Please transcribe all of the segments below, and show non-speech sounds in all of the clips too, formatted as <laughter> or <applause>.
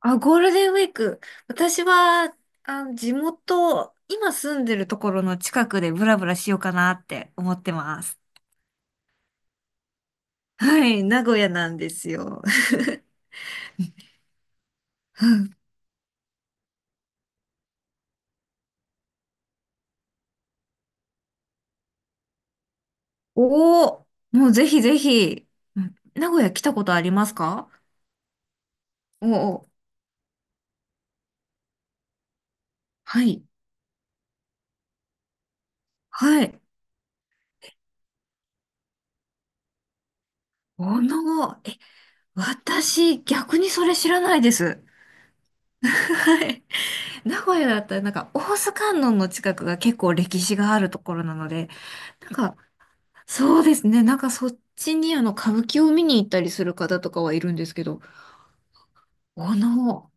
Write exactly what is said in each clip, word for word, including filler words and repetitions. あ、ゴールデンウィーク。私は、あ、地元、今住んでるところの近くでブラブラしようかなって思ってます。はい、名古屋なんですよ。<laughs> おお、もうぜひぜひ。うん、名古屋来たことありますか？おお、はい、はい。おの、え、私、逆にそれ知らないです。はい。名古屋だったらなんか大須観音の近くが結構歴史があるところなので、なんかそうですね。なんかそっちにあの歌舞伎を見に行ったりする方とかはいるんですけど、おの、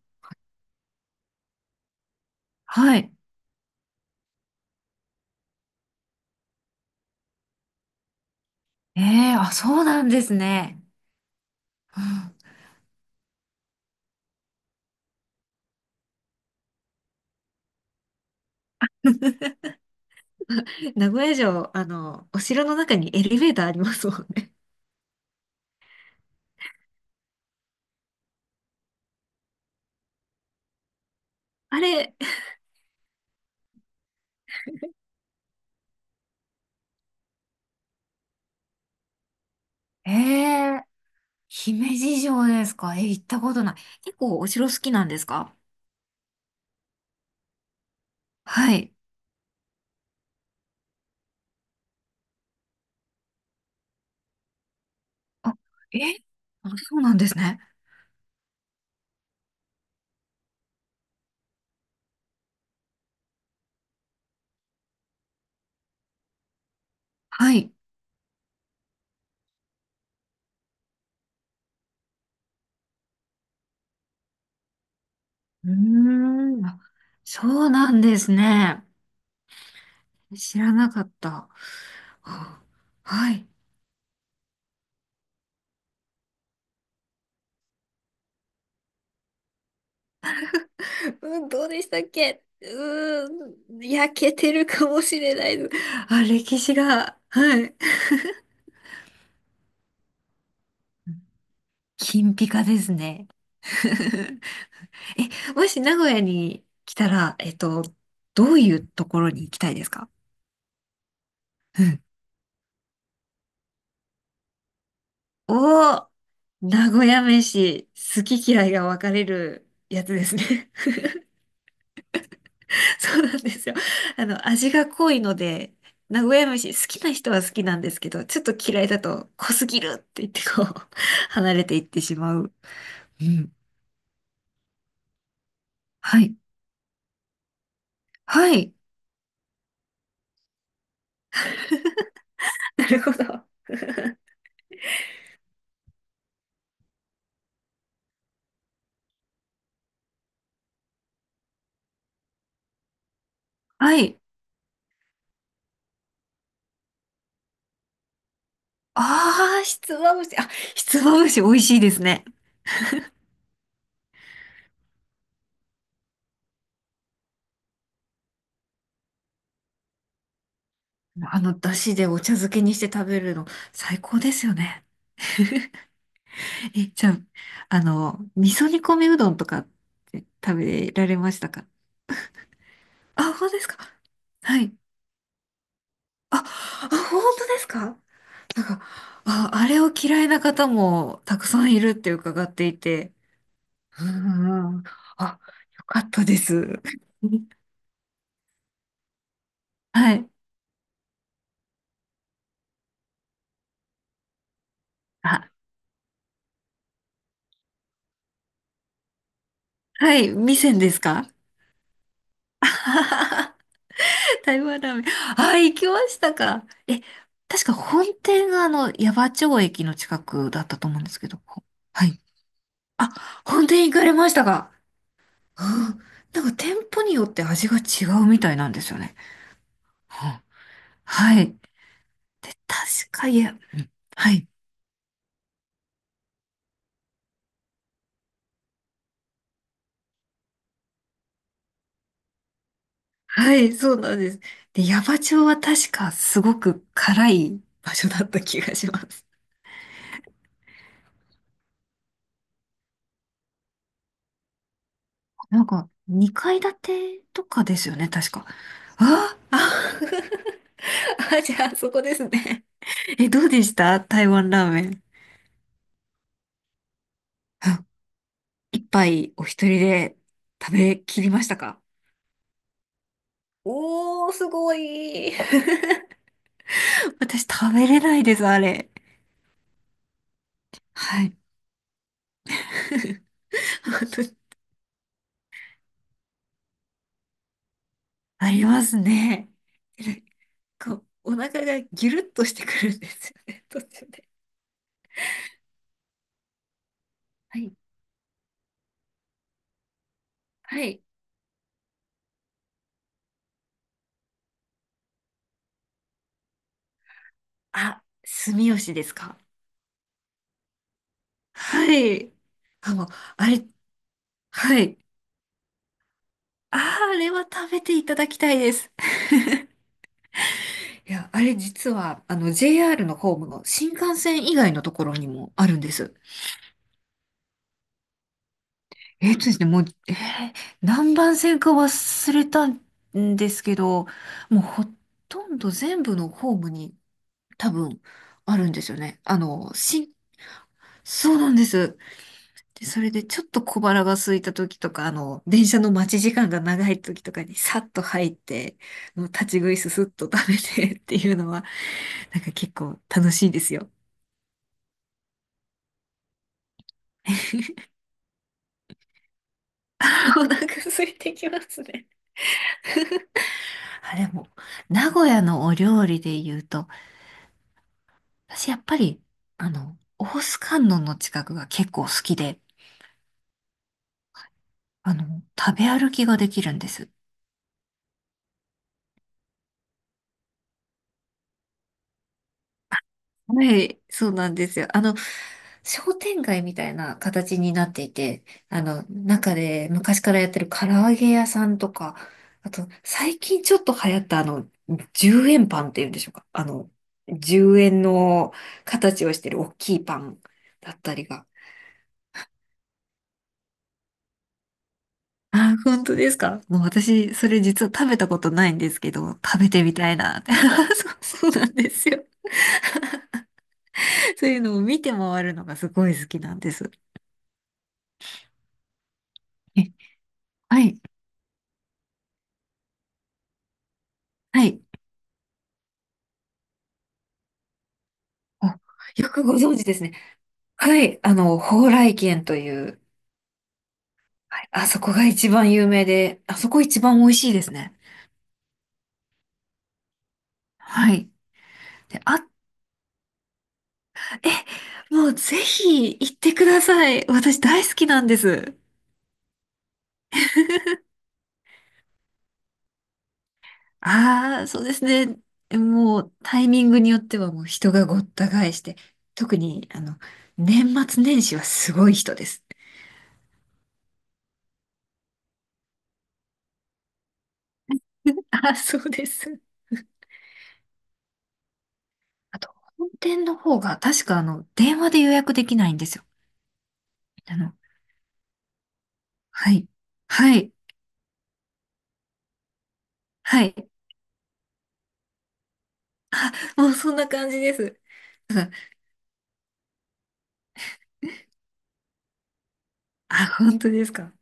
はい。ええ、あ、そうなんですね。うん、名古屋城、あの、お城の中にエレベーターありますもんね。あれ、ええ、姫路城ですか？え、行ったことない。結構お城好きなんですか？はい。あ、えあ、そうなんですね。はい。うーん、あ、そうなんですね。知らなかった。はあ、はい。うん、どうでしたっけ？うーん、焼けてるかもしれないです。あ、歴史が、はい。金ピカですね。<laughs> え、もし名古屋に来たら、えっと、どういうところに行きたいですか？うん。おー、名古屋飯、好き嫌いが分かれるやつですね。<laughs> そうなんですよ。あの、味が濃いので、名古屋飯好きな人は好きなんですけど、ちょっと嫌いだと濃すぎるって言ってこう、<laughs> 離れていってしまう。うん。はい。はい。なるほど。はい。ああ、ひつまぶし。あ、ひつまぶし美味しいですね。あの、だしでお茶漬けにして食べるの最高ですよね。<laughs> え、じゃあ、あの、味噌煮込みうどんとかって食べられましたか？あ、本当ですか？はい。あ、あ、本当ですか？なんか、あ、あれを嫌いな方もたくさんいるって伺っていて。うんうんうん。あ、よかったです。<laughs> はい。あ、はい。味仙ですか？あははは <laughs> 台湾ラーメン。あ、行きましたか。え、確か本店があの、矢場町駅の近くだったと思うんですけど。はい。あ、本店行かれましたか。うん。なんか店舗によって味が違うみたいなんですよね。うん、はい。で、確か、いや、うん、はい。はい、そうなんです。で、矢場町は確かすごく辛い場所だった気がします。なんか、にかい建てとかですよね、確か。ああ、あ、 <laughs> あ、じゃあ、そこですね。え、どうでした台湾ラーメン。あ、一杯お一人で食べきりましたか？おー、すごい。<laughs> 私食べれないです、あれ。はい。<laughs> ありますね。こう、お腹がギュルッとしてくるんですよね、途中で。はい。はい。あ、住吉ですか。はい。あ、もう、あれ、はい。あー、あれは食べていただきたいです。いや、あれ実は、あの、ジェイアール のホームの新幹線以外のところにもあるんです。えっとですね、もう、えー何番線か忘れたんですけど、もうほとんど全部のホームに多分あるんですよね。あの、新、そうなんです。で、それでちょっと小腹が空いた時とか、あの、電車の待ち時間が長い時とかにさっと入って、もう立ち食いすすっと食べて <laughs> っていうのは、なんか結構楽しいですよ。<laughs> お腹空いてきますね。あ、でも、名古屋のお料理で言うと、私やっぱり、あの、大須観音の近くが結構好きで、あの、食べ歩きができるんです。はい、そうなんですよ。あの、商店街みたいな形になっていて、あの、中で昔からやってる唐揚げ屋さんとか、あと、最近ちょっと流行ったあの、じゅうえんパンっていうんでしょうか。あの、じゅうえんの形をしてる大きいパンだったりが。あ、本当ですか？もう私、それ実は食べたことないんですけど、食べてみたいなって。<laughs> そう、そうなんですよ。そういうのを見て回るのがすごい好きなんです。え、はい。はい。あ、よくご存知ですね。はい。あの、蓬莱軒という、はい、あそこが一番有名で、あそこ一番美味しいですね。はい。で、あ、え、もうぜひ行ってください。私大好きなんです。<laughs> ああ、そうですね。もうタイミングによってはもう人がごった返して、特にあの、年末年始はすごい人です。あ、そうです。あと、本店の方が確かあの、電話で予約できないんですよ。あの、はい。はい。はい。もうそんな感じです。<laughs> ただ、あ、本当ですか。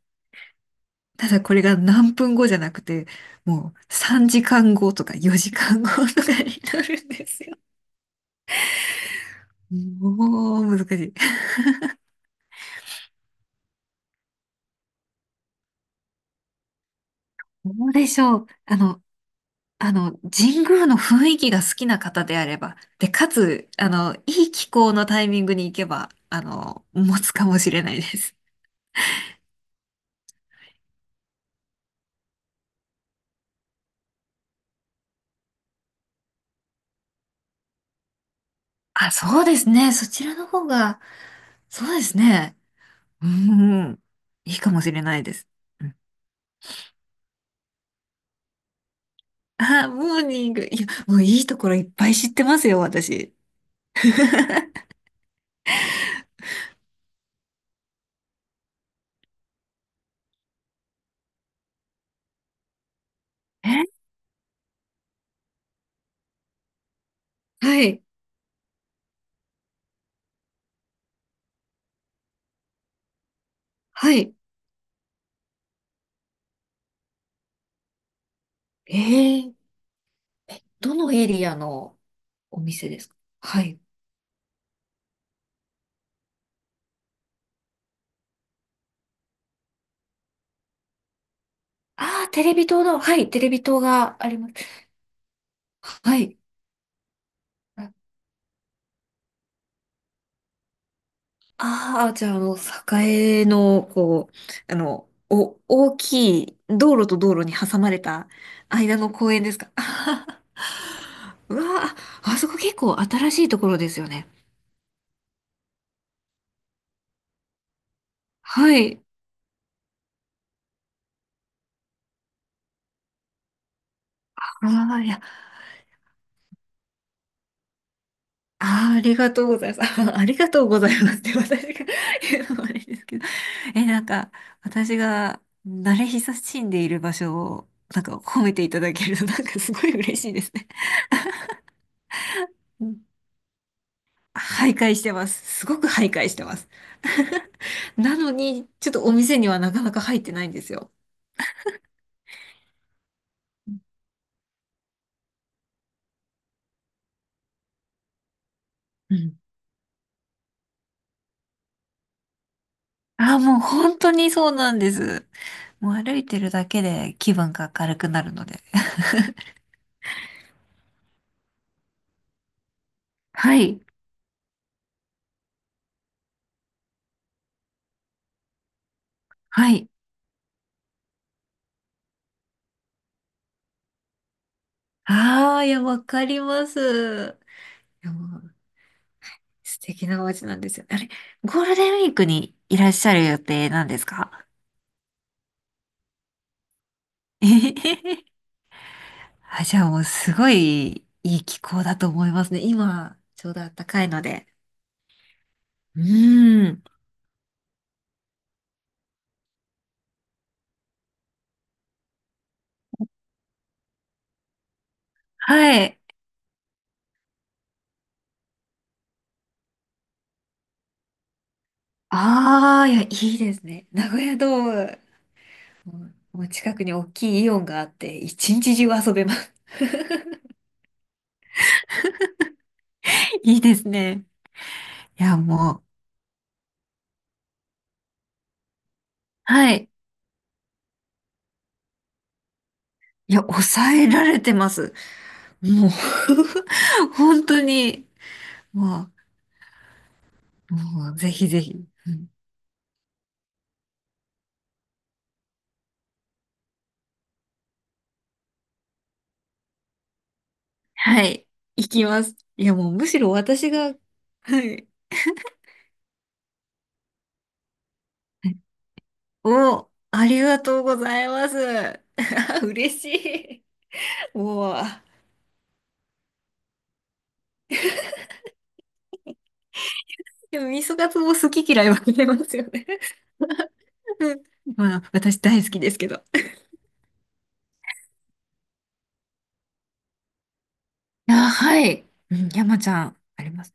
ただこれが何分後じゃなくて、もうさんじかんごとかよじかんごとかになるんですよ。もう難しい。どうでしょう。あの、あの、神宮の雰囲気が好きな方であれば、で、かつ、あの、いい気候のタイミングに行けば、あの、持つかもしれないです。あ、そうですね。そちらの方が、そうですね。うん。いいかもしれないです。うん、あ、モーニング。いや、もういいところいっぱい知ってますよ、私。<laughs> え、はい、はい。えー、えどのエリアのお店ですか？はい。ああ、テレビ塔の、はい、テレビ塔があります。はい。ああ、じゃあ、あの、栄の、こう、あの、お、大きい、道路と道路に挟まれた間の公園ですか？あはは <laughs> うわあ、あそこ結構新しいところですよね。はい。ああ、いや、あー、ありがとうございます。<laughs> あーありがとうございますって私が <laughs> 言うのもあれですけど。<laughs> え、なんか、私が慣れ親しんでいる場所を、なんか褒めていただけると、なんかすごい嬉しいですね。徘徊してます。すごく徘徊してます。<laughs> なのに、ちょっとお店にはなかなか入ってないんですよ。うん。ああ、もう本当にそうなんです。もう歩いてるだけで気分が明るくなるので。<laughs> はい。はい。ああ、いや、わかります。いや、もう素敵な街なんですよ。あれ、ゴールデンウィークにいらっしゃる予定なんですか？えへへへ <laughs> あ、じゃあもうすごいいい気候だと思いますね。今、ちょうど暖かいので。うーん。はい。ああ、いや、いいですね。名古屋ドーム、もうもう近くに大きいイオンがあって、一日中遊べます。<laughs> いいですね。いや、もう、はい。いや、抑えられてます。もう <laughs> 本当に、もう、もう、ぜひぜひ。うん、はい。行きます。いや、もう、むしろ私が、はい。お、ありがとうございます。<laughs> 嬉しい。<laughs> もう。でも、味噌カツも好き嫌い分かれますよね。<laughs> うん。まあ、私大好きですけど。あ、はい。うん、山ちゃん、あります。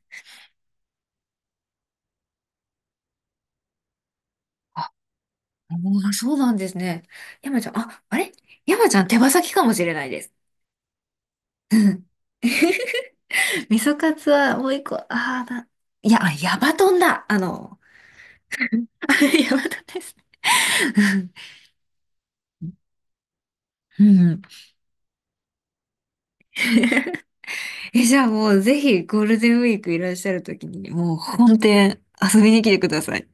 あ、もうそうなんですね。山ちゃん、あ、あれ山ちゃん手羽先かもしれないです。<laughs> うん。<laughs> 味噌カツはもう一個、ああ、な、いや、あ、ヤバトンだ。あの、<laughs> やばです。うん。うん <laughs> え、じゃあもうぜひゴールデンウィークいらっしゃるときに、もう本店遊びに来てください。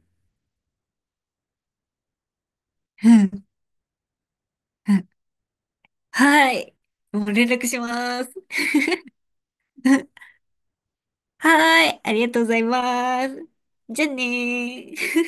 うん。うん、はい。もう連絡します。<laughs> はい。ありがとうございます。じゃあねー。